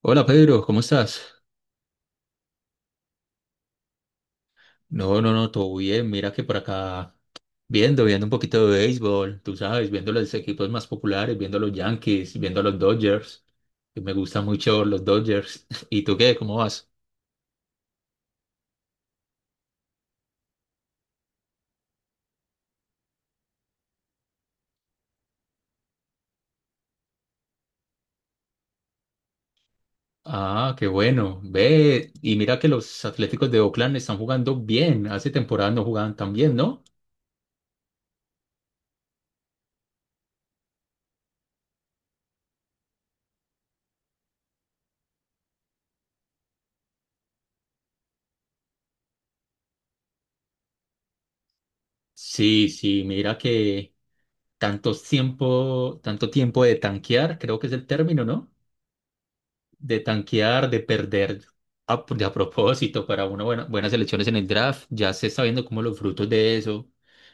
Hola Pedro, ¿cómo estás? No, no, no, todo bien. Mira que por acá viendo, viendo un poquito de béisbol, tú sabes, viendo los equipos más populares, viendo a los Yankees, viendo a los Dodgers, que me gustan mucho los Dodgers. ¿Y tú qué? ¿Cómo vas? Ah, qué bueno. Ve, y mira que los Atléticos de Oakland están jugando bien. Hace temporada no jugaban tan bien, ¿no? Sí, sí, mira que tanto tiempo de tanquear, creo que es el término, ¿no? De tanquear, de perder de a propósito para una buena, buenas elecciones en el draft. Ya se está viendo como los frutos de eso.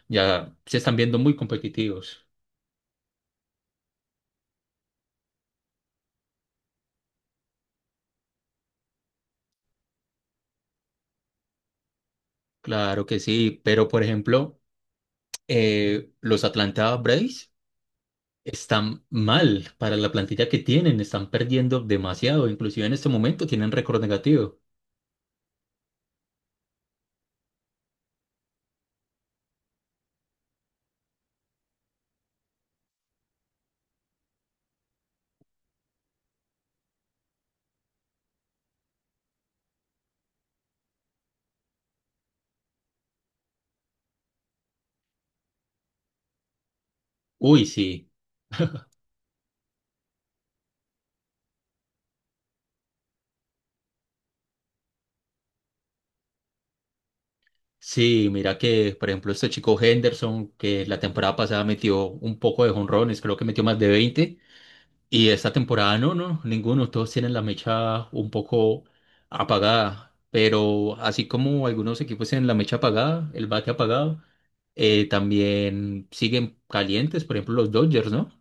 Ya se están viendo muy competitivos. Claro que sí, pero por ejemplo, los Atlanta Braves están mal para la plantilla que tienen, están perdiendo demasiado, inclusive en este momento tienen récord negativo. Uy, sí. Sí, mira que, por ejemplo, este chico Henderson, que la temporada pasada metió un poco de jonrones, creo que metió más de 20. Y esta temporada no, no, ninguno, todos tienen la mecha un poco apagada, pero así como algunos equipos tienen la mecha apagada, el bate apagado, también siguen calientes, por ejemplo los Dodgers, ¿no?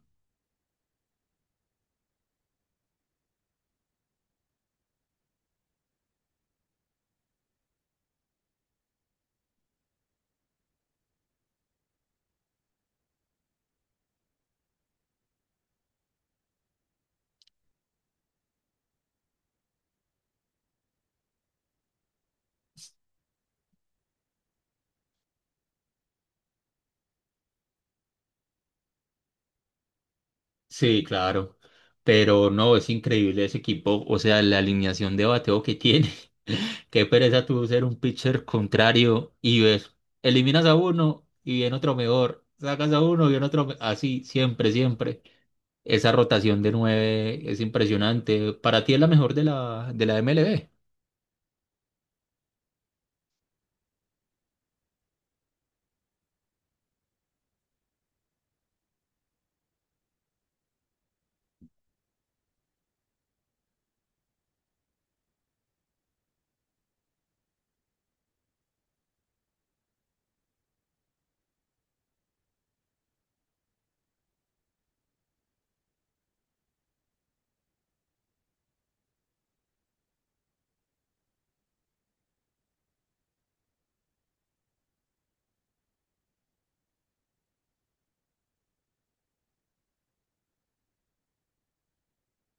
Sí, claro, pero no, es increíble ese equipo, o sea, la alineación de bateo que tiene. Qué pereza tú ser un pitcher contrario y ves, eliminas a uno y viene otro mejor, sacas a uno y viene otro, así, siempre, siempre. Esa rotación de nueve es impresionante. Para ti es la mejor de la MLB.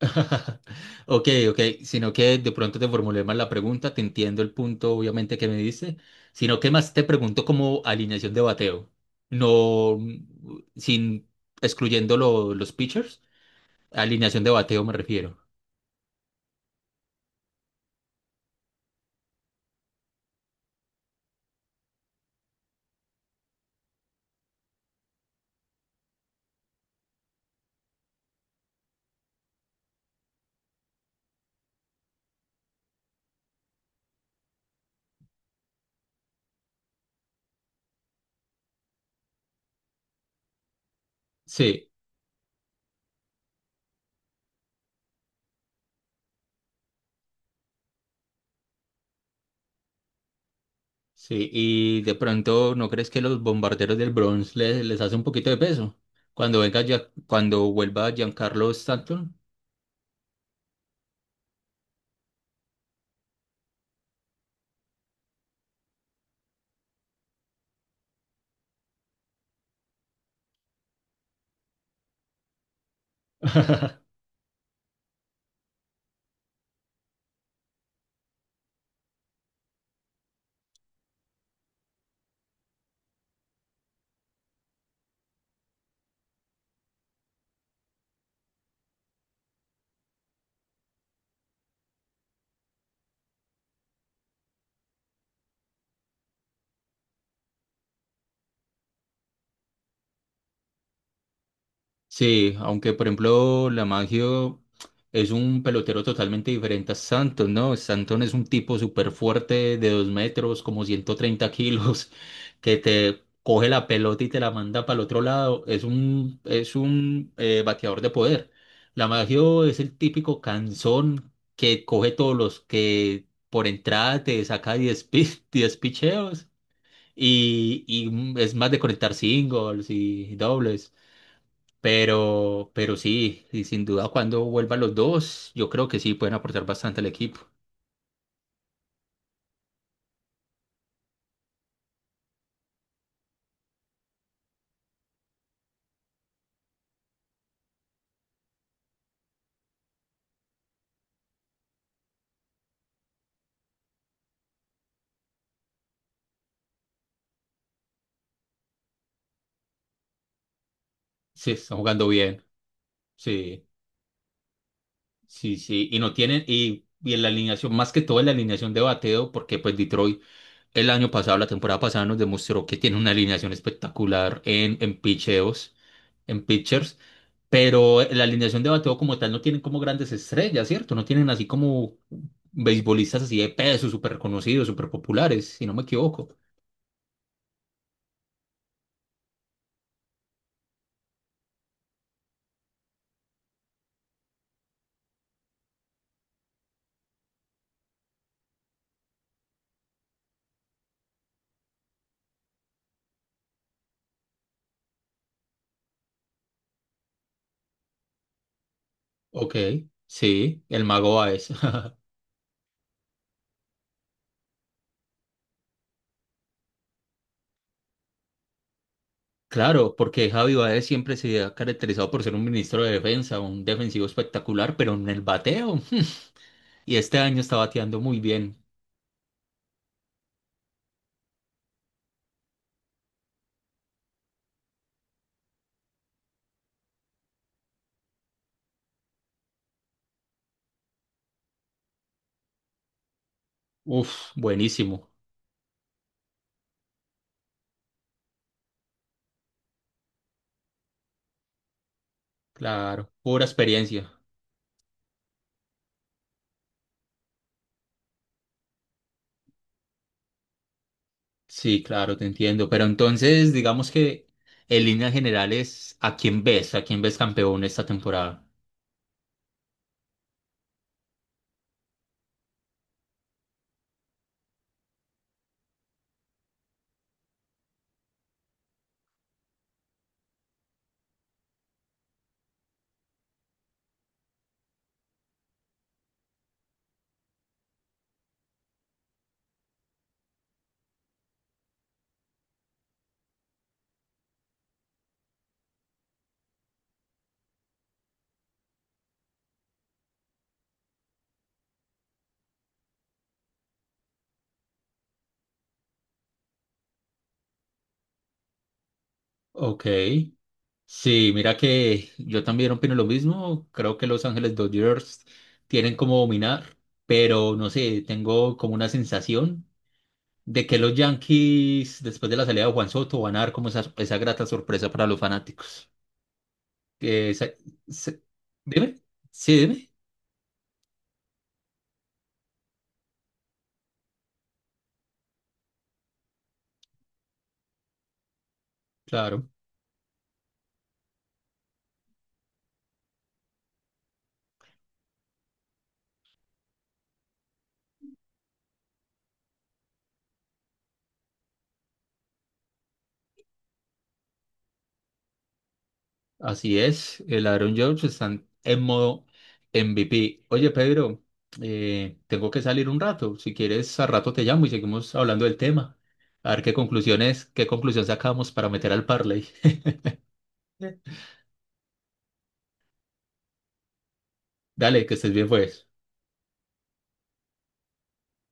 Ok, ok. Sino que de pronto te formulé mal la pregunta. Te entiendo el punto, obviamente, que me dice. Sino que más te pregunto como alineación de bateo. No, mm, sin excluyendo los pitchers. Alineación de bateo me refiero. Sí, sí. Y de pronto, ¿no crees que los bombarderos del Bronx les hace un poquito de peso? Cuando venga ya, cuando vuelva Giancarlo Stanton. Sí, aunque por ejemplo la Lamagio es un pelotero totalmente diferente a Santos, ¿no? Santos es un tipo súper fuerte de 2 metros, como 130 kilos, que te coge la pelota y te la manda para el otro lado. Es un bateador de poder. Lamagio es el típico canzón que coge todos los que por entrada te saca 10 picheos y, y es más de conectar singles y dobles. Pero sí, y sin duda cuando vuelvan los dos, yo creo que sí pueden aportar bastante al equipo. Sí, están jugando bien. Sí, sí, sí. Y no tienen, y en la alineación, más que todo en la alineación de bateo, porque pues Detroit el año pasado, la temporada pasada, nos demostró que tiene una alineación espectacular en picheos, en pitchers. Pero en la alineación de bateo como tal no tienen como grandes estrellas, ¿cierto? No tienen así como beisbolistas así de peso, súper reconocidos, súper populares, si no me equivoco. Ok, sí, el mago Báez. Claro, porque Javi Báez siempre se ha caracterizado por ser un ministro de defensa, un defensivo espectacular, pero en el bateo. Y este año está bateando muy bien. Uf, buenísimo. Claro, pura experiencia. Sí, claro, te entiendo. Pero entonces, digamos que en líneas generales, ¿a quién ves? ¿A quién ves campeón esta temporada? Ok. Sí, mira que yo también opino lo mismo. Creo que Los Ángeles Dodgers tienen como dominar, pero no sé, tengo como una sensación de que los Yankees, después de la salida de Juan Soto, van a dar como esa grata sorpresa para los fanáticos. Que esa- se- dime, sí, dime, claro. Así es, el ladrón George están en modo MVP. Oye, Pedro, tengo que salir un rato. Si quieres, al rato te llamo y seguimos hablando del tema. A ver qué conclusiones, qué conclusión sacamos para meter al parlay. Dale, que estés bien, pues.